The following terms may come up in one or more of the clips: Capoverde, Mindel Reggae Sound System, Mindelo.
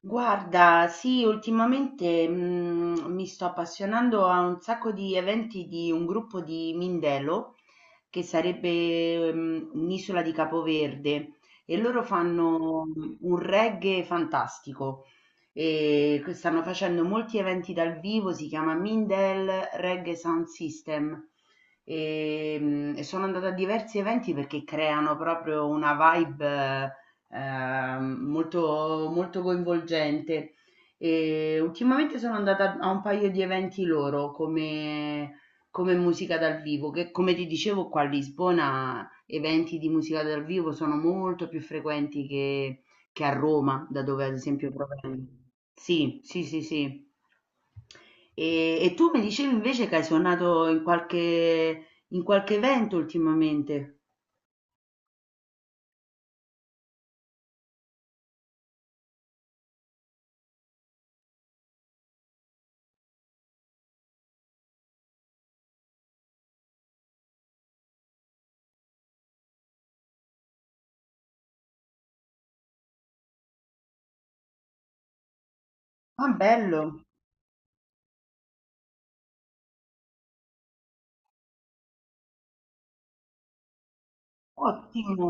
Guarda, sì, ultimamente mi sto appassionando a un sacco di eventi di un gruppo di Mindelo, che sarebbe un'isola di Capoverde, e loro fanno un reggae fantastico e stanno facendo molti eventi dal vivo, si chiama Mindel Reggae Sound System e, e sono andata a diversi eventi perché creano proprio una vibe molto, molto coinvolgente. E ultimamente sono andata a un paio di eventi loro come, come musica dal vivo, che come ti dicevo qua a Lisbona eventi di musica dal vivo sono molto più frequenti che a Roma, da dove ad esempio provengo. Sì, sì, sì, sì. E tu mi dicevi invece che hai suonato in qualche evento ultimamente. Ah, bello, ottimo.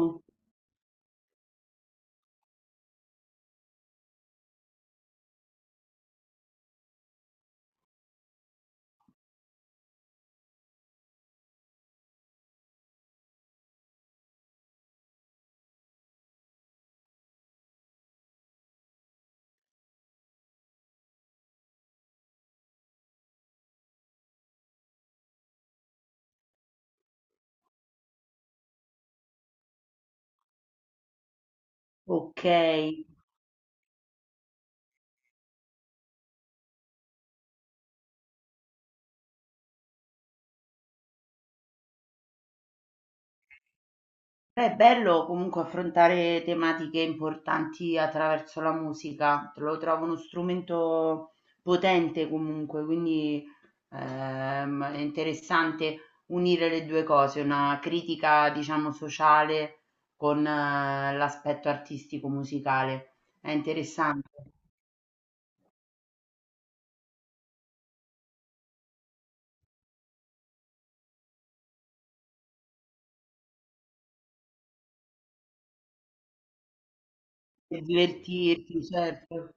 Ok. Beh, è bello comunque affrontare tematiche importanti attraverso la musica, lo trovo uno strumento potente comunque, quindi è interessante unire le due cose, una critica diciamo sociale con l'aspetto artistico musicale. È interessante per divertirti, certo,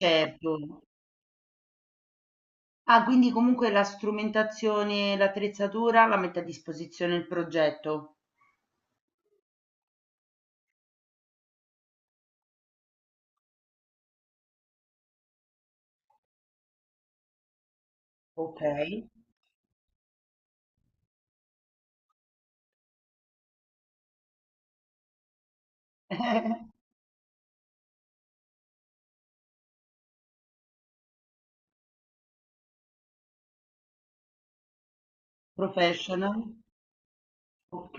certo. Ah, quindi comunque la strumentazione, l'attrezzatura la mette a disposizione il progetto. Ok. Professional, ok,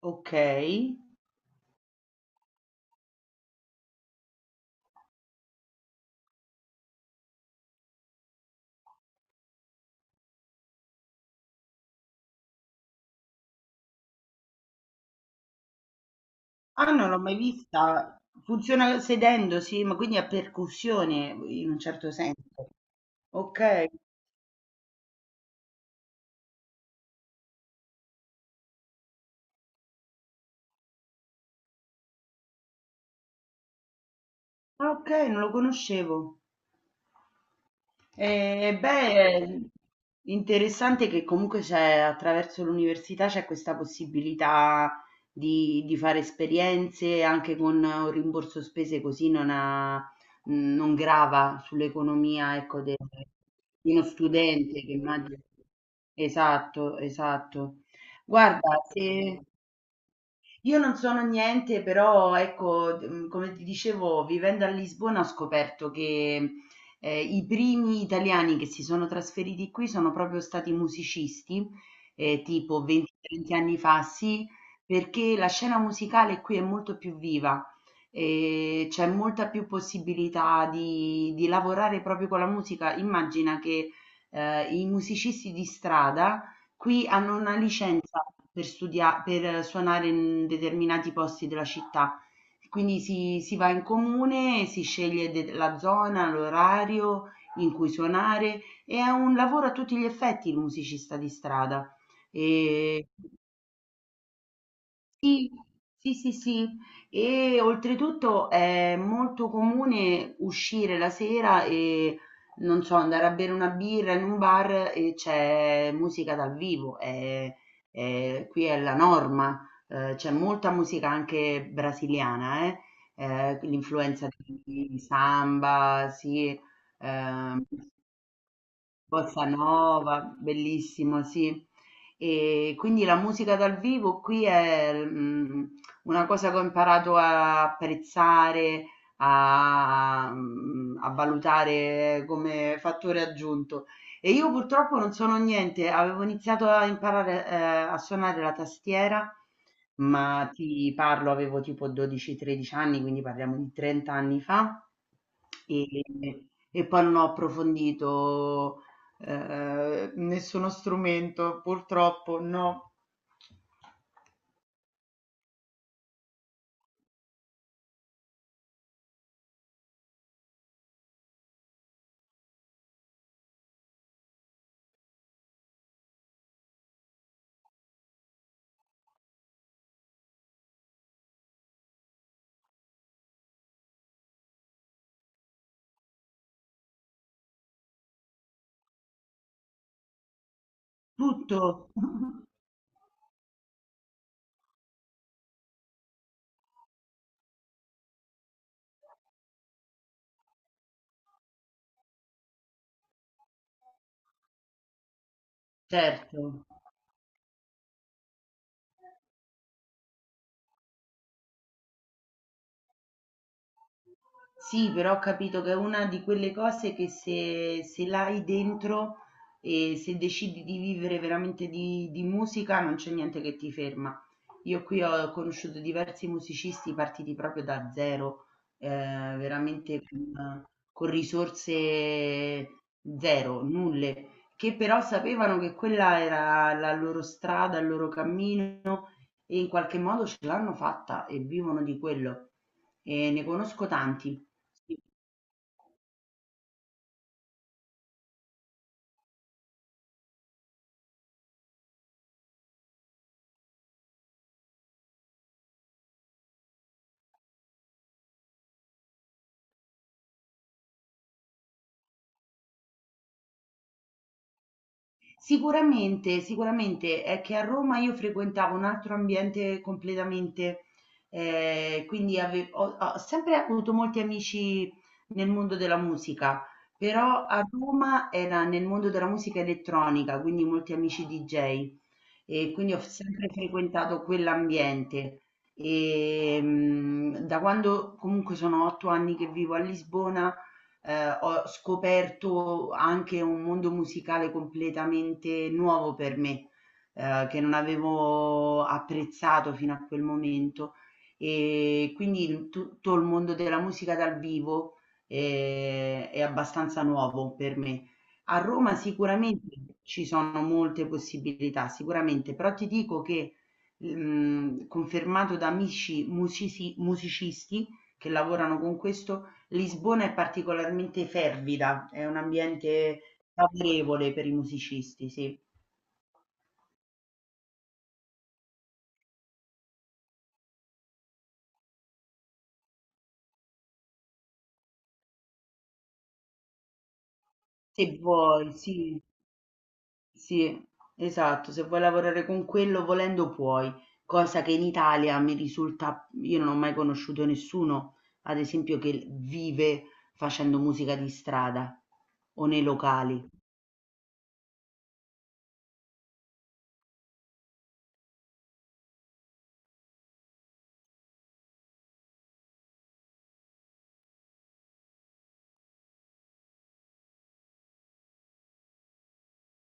ok. Ah, non l'ho mai vista. Funziona sedendo, sì, ma quindi a percussione in un certo senso. Ok, ah, ok, non lo conoscevo. Beh, è interessante che comunque c'è attraverso l'università c'è questa possibilità di fare esperienze anche con un rimborso spese così non, non grava sull'economia, ecco, di uno studente che immagino. Esatto, esatto. Guarda, se... Io non sono niente, però ecco, come ti dicevo, vivendo a Lisbona ho scoperto che, i primi italiani che si sono trasferiti qui sono proprio stati musicisti, tipo 20, 30 anni fa, sì, perché la scena musicale qui è molto più viva, c'è molta più possibilità di lavorare proprio con la musica. Immagina che, i musicisti di strada qui hanno una licenza per studia per suonare in determinati posti della città, quindi si va in comune, si sceglie de la zona, l'orario in cui suonare. E È un lavoro a tutti gli effetti il musicista di strada. Ehm, sì, sì, sì. E oltretutto è molto comune uscire la sera e non so, andare a bere una birra in un bar e c'è musica dal vivo. Qui è la norma. C'è molta musica anche brasiliana, eh? L'influenza di samba, sì. ehm, Bossa nova, bellissimo, sì. E quindi la musica dal vivo qui è una cosa che ho imparato a apprezzare, a, a valutare come fattore aggiunto. E io purtroppo non sono niente, avevo iniziato a imparare a suonare la tastiera, ma ti parlo, avevo tipo 12-13 anni, quindi parliamo di 30 anni fa. E, e poi non ho approfondito nessuno strumento, purtroppo no. Tutto, certo. Sì, però ho capito che è una di quelle cose che se, se l'hai dentro e se decidi di vivere veramente di musica non c'è niente che ti ferma. Io qui ho conosciuto diversi musicisti partiti proprio da zero, veramente con risorse zero, nulle, che però sapevano che quella era la loro strada, il loro cammino e in qualche modo ce l'hanno fatta e vivono di quello e ne conosco tanti. Sì. Sicuramente, sicuramente è che a Roma io frequentavo un altro ambiente completamente, quindi ave ho sempre avuto molti amici nel mondo della musica, però a Roma era nel mondo della musica elettronica, quindi molti amici DJ e quindi ho sempre frequentato quell'ambiente. Da quando comunque sono 8 anni che vivo a Lisbona, ho scoperto anche un mondo musicale completamente nuovo per me, che non avevo apprezzato fino a quel momento. E quindi tutto il mondo della musica dal vivo è abbastanza nuovo per me. A Roma sicuramente ci sono molte possibilità, sicuramente, però ti dico che confermato da amici musicisti che lavorano con questo, Lisbona è particolarmente fervida, è un ambiente favorevole per i musicisti, sì. Se vuoi, sì, sì, esatto, se vuoi lavorare con quello volendo puoi, cosa che in Italia mi risulta, io non ho mai conosciuto nessuno, ad esempio, che vive facendo musica di strada o nei locali.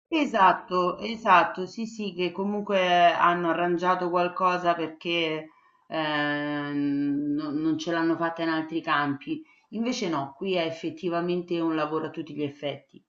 Esatto, esatto, sì, sì, che comunque hanno arrangiato qualcosa perché non ce l'hanno fatta in altri campi. Invece no, qui è effettivamente un lavoro a tutti gli effetti.